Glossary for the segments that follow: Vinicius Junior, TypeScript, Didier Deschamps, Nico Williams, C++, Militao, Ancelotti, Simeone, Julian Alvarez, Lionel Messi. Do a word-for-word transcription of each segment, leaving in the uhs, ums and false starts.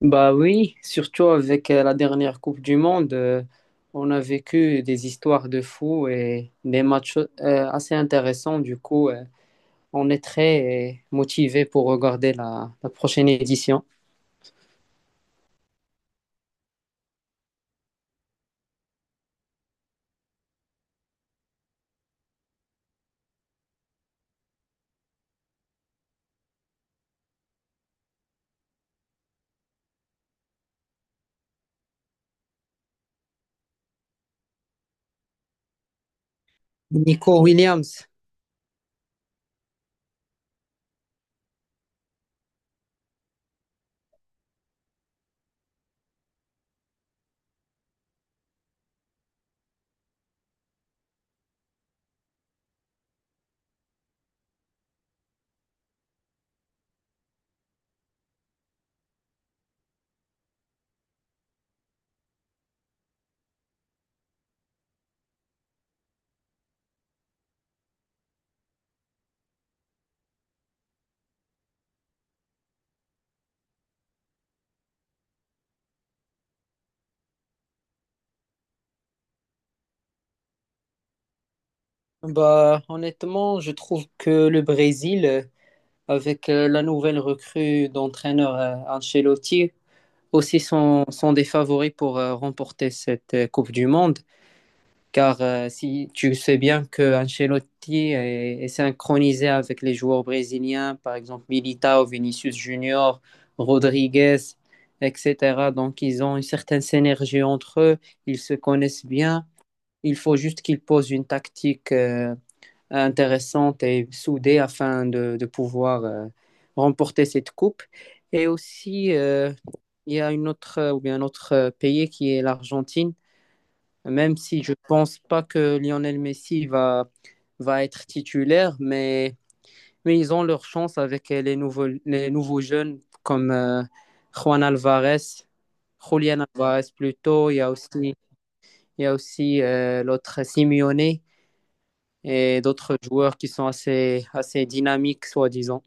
Bah oui, surtout avec euh, la dernière Coupe du Monde, euh, on a vécu des histoires de fous et des matchs euh, assez intéressants. Du coup, euh, on est très motivé pour regarder la, la prochaine édition. Nico Williams, bah honnêtement, je trouve que le Brésil, euh, avec euh, la nouvelle recrue d'entraîneur euh, Ancelotti, aussi sont, sont des favoris pour euh, remporter cette euh, Coupe du Monde. Car euh, si tu sais bien que Ancelotti est, est synchronisé avec les joueurs brésiliens, par exemple Militao, Vinicius Junior, Rodriguez, et cetera. Donc ils ont une certaine synergie entre eux, ils se connaissent bien. Il faut juste qu'ils posent une tactique euh, intéressante et soudée afin de, de pouvoir euh, remporter cette coupe. Et aussi, euh, il y a une autre, ou bien un autre euh, pays qui est l'Argentine, même si je pense pas que Lionel Messi va, va être titulaire, mais, mais ils ont leur chance avec euh, les nouveaux, les nouveaux jeunes comme euh, Juan Alvarez, Julian Alvarez plutôt. Il y a aussi, il y a aussi euh, l'autre Simeone et d'autres joueurs qui sont assez, assez dynamiques, soi-disant.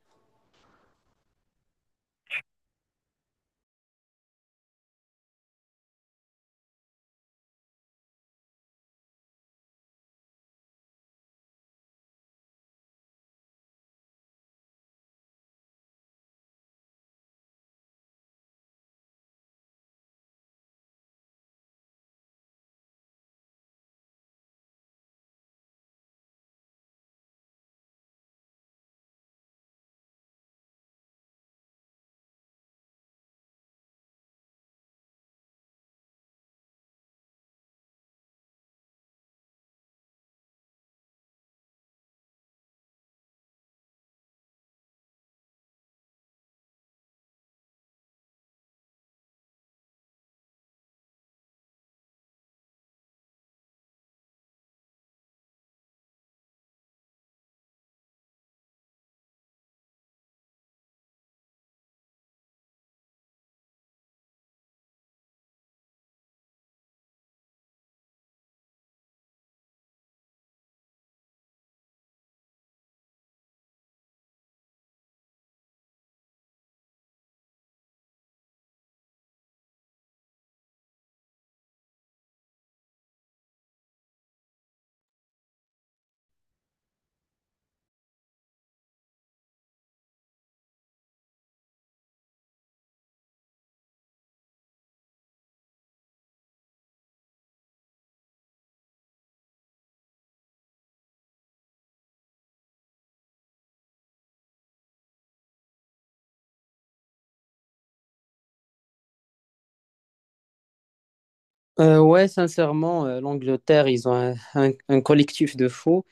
Euh, ouais, sincèrement, euh, l'Angleterre, ils ont un, un- un collectif de faux,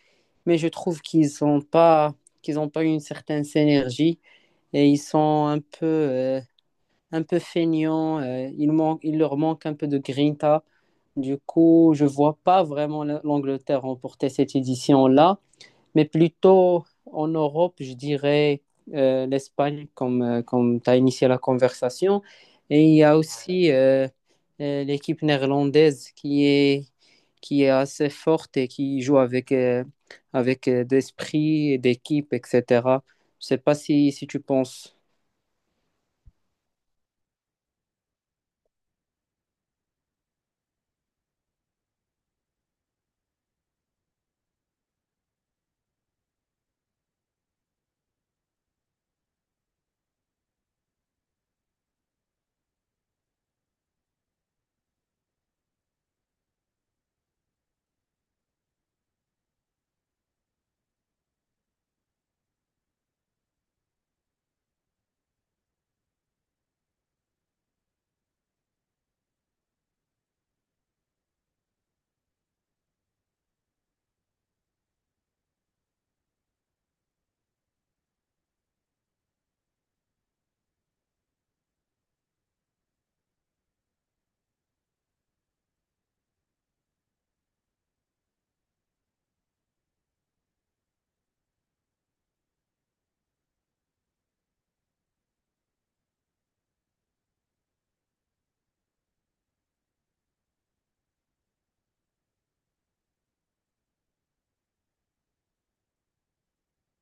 mais je trouve qu'ils ont pas, qu'ils ont pas une certaine synergie et ils sont un peu, euh, un peu feignants. euh, il manque, il leur manque un peu de grinta. Du coup, je vois pas vraiment la- l'Angleterre remporter cette édition-là, mais plutôt en Europe, je dirais euh, l'Espagne, comme, euh, comme tu as initié la conversation. Et il y a aussi euh, euh, l'équipe néerlandaise qui est, qui est assez forte et qui joue avec, euh, avec euh, d'esprit, et d'équipe, et cetera. Je sais pas si, si tu penses.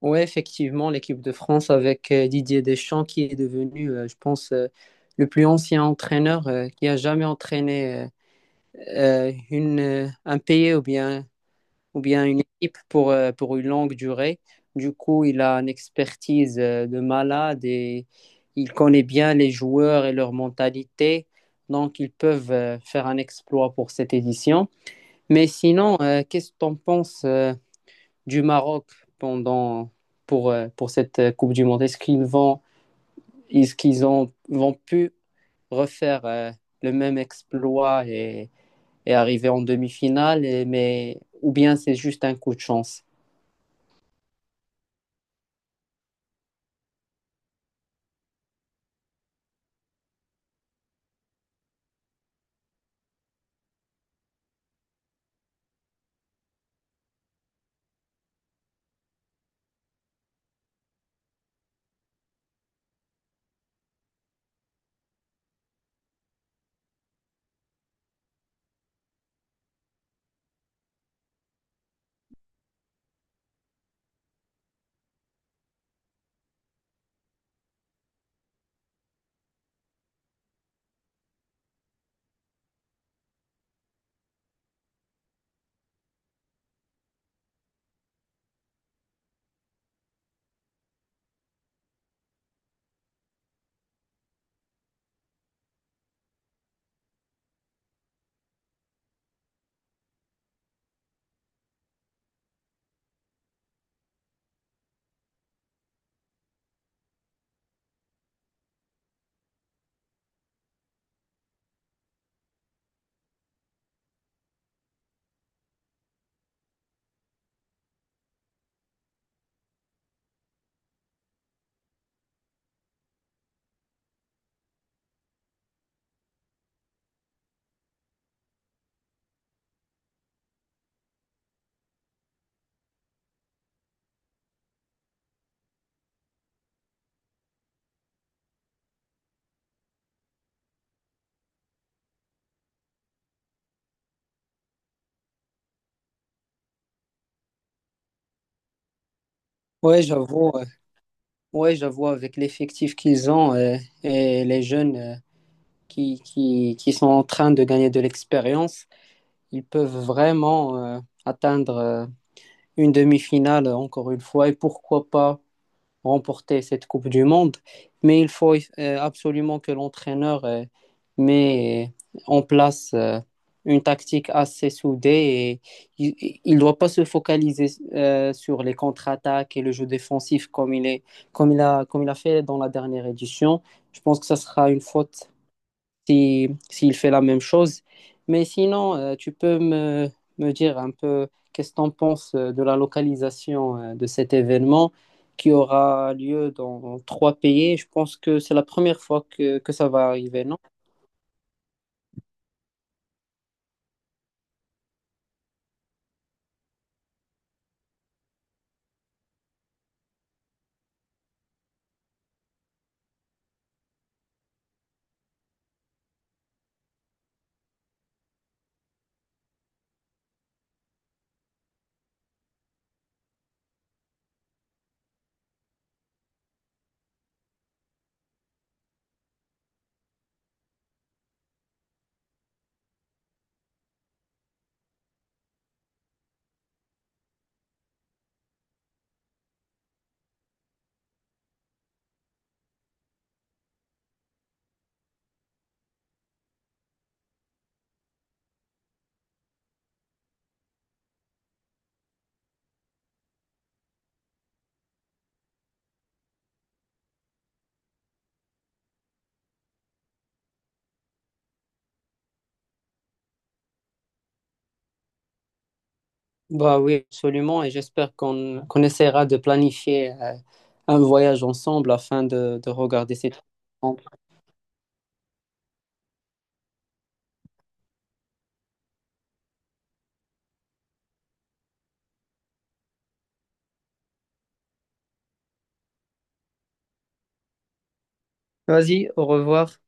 Oui, effectivement, l'équipe de France avec euh, Didier Deschamps qui est devenu, euh, je pense, euh, le plus ancien entraîneur euh, qui a jamais entraîné euh, euh, une, euh, un pays ou bien, ou bien une équipe pour, euh, pour une longue durée. Du coup, il a une expertise euh, de malade et il connaît bien les joueurs et leur mentalité. Donc, ils peuvent euh, faire un exploit pour cette édition. Mais sinon, euh, qu'est-ce que tu en penses? Euh, du Maroc pendant, pour, euh, pour cette euh, Coupe du Monde? Est-ce qu'ils vont, est-ce qu'ils ont, vont pu refaire euh, le même exploit et, et arriver en demi-finale, et- mais, ou bien c'est juste un coup de chance? Ouais, j'avoue, euh, ouais, j'avoue, avec l'effectif qu'ils ont euh, et les jeunes euh, qui, qui, qui sont en train de gagner de l'expérience, ils peuvent vraiment euh, atteindre euh, une demi-finale encore une fois, et pourquoi pas remporter cette Coupe du Monde, mais il faut euh, absolument que l'entraîneur euh, met euh, en place euh, une tactique assez soudée et il ne doit pas se focaliser euh, sur les contre-attaques et le jeu défensif comme il est, comme il a, comme il a fait dans la dernière édition. Je pense que ça sera une faute si, s'il fait la même chose. Mais sinon, euh, tu peux me, me dire un peu qu'est-ce que tu en penses euh, de la localisation euh, de cet événement qui aura lieu dans trois pays. Je pense que c'est la première fois que, que ça va arriver, non? Bah oui, absolument. Et j'espère qu'on qu'on essaiera de planifier euh, un voyage ensemble afin de, de regarder ces trucs ensemble. Vas-y, au revoir.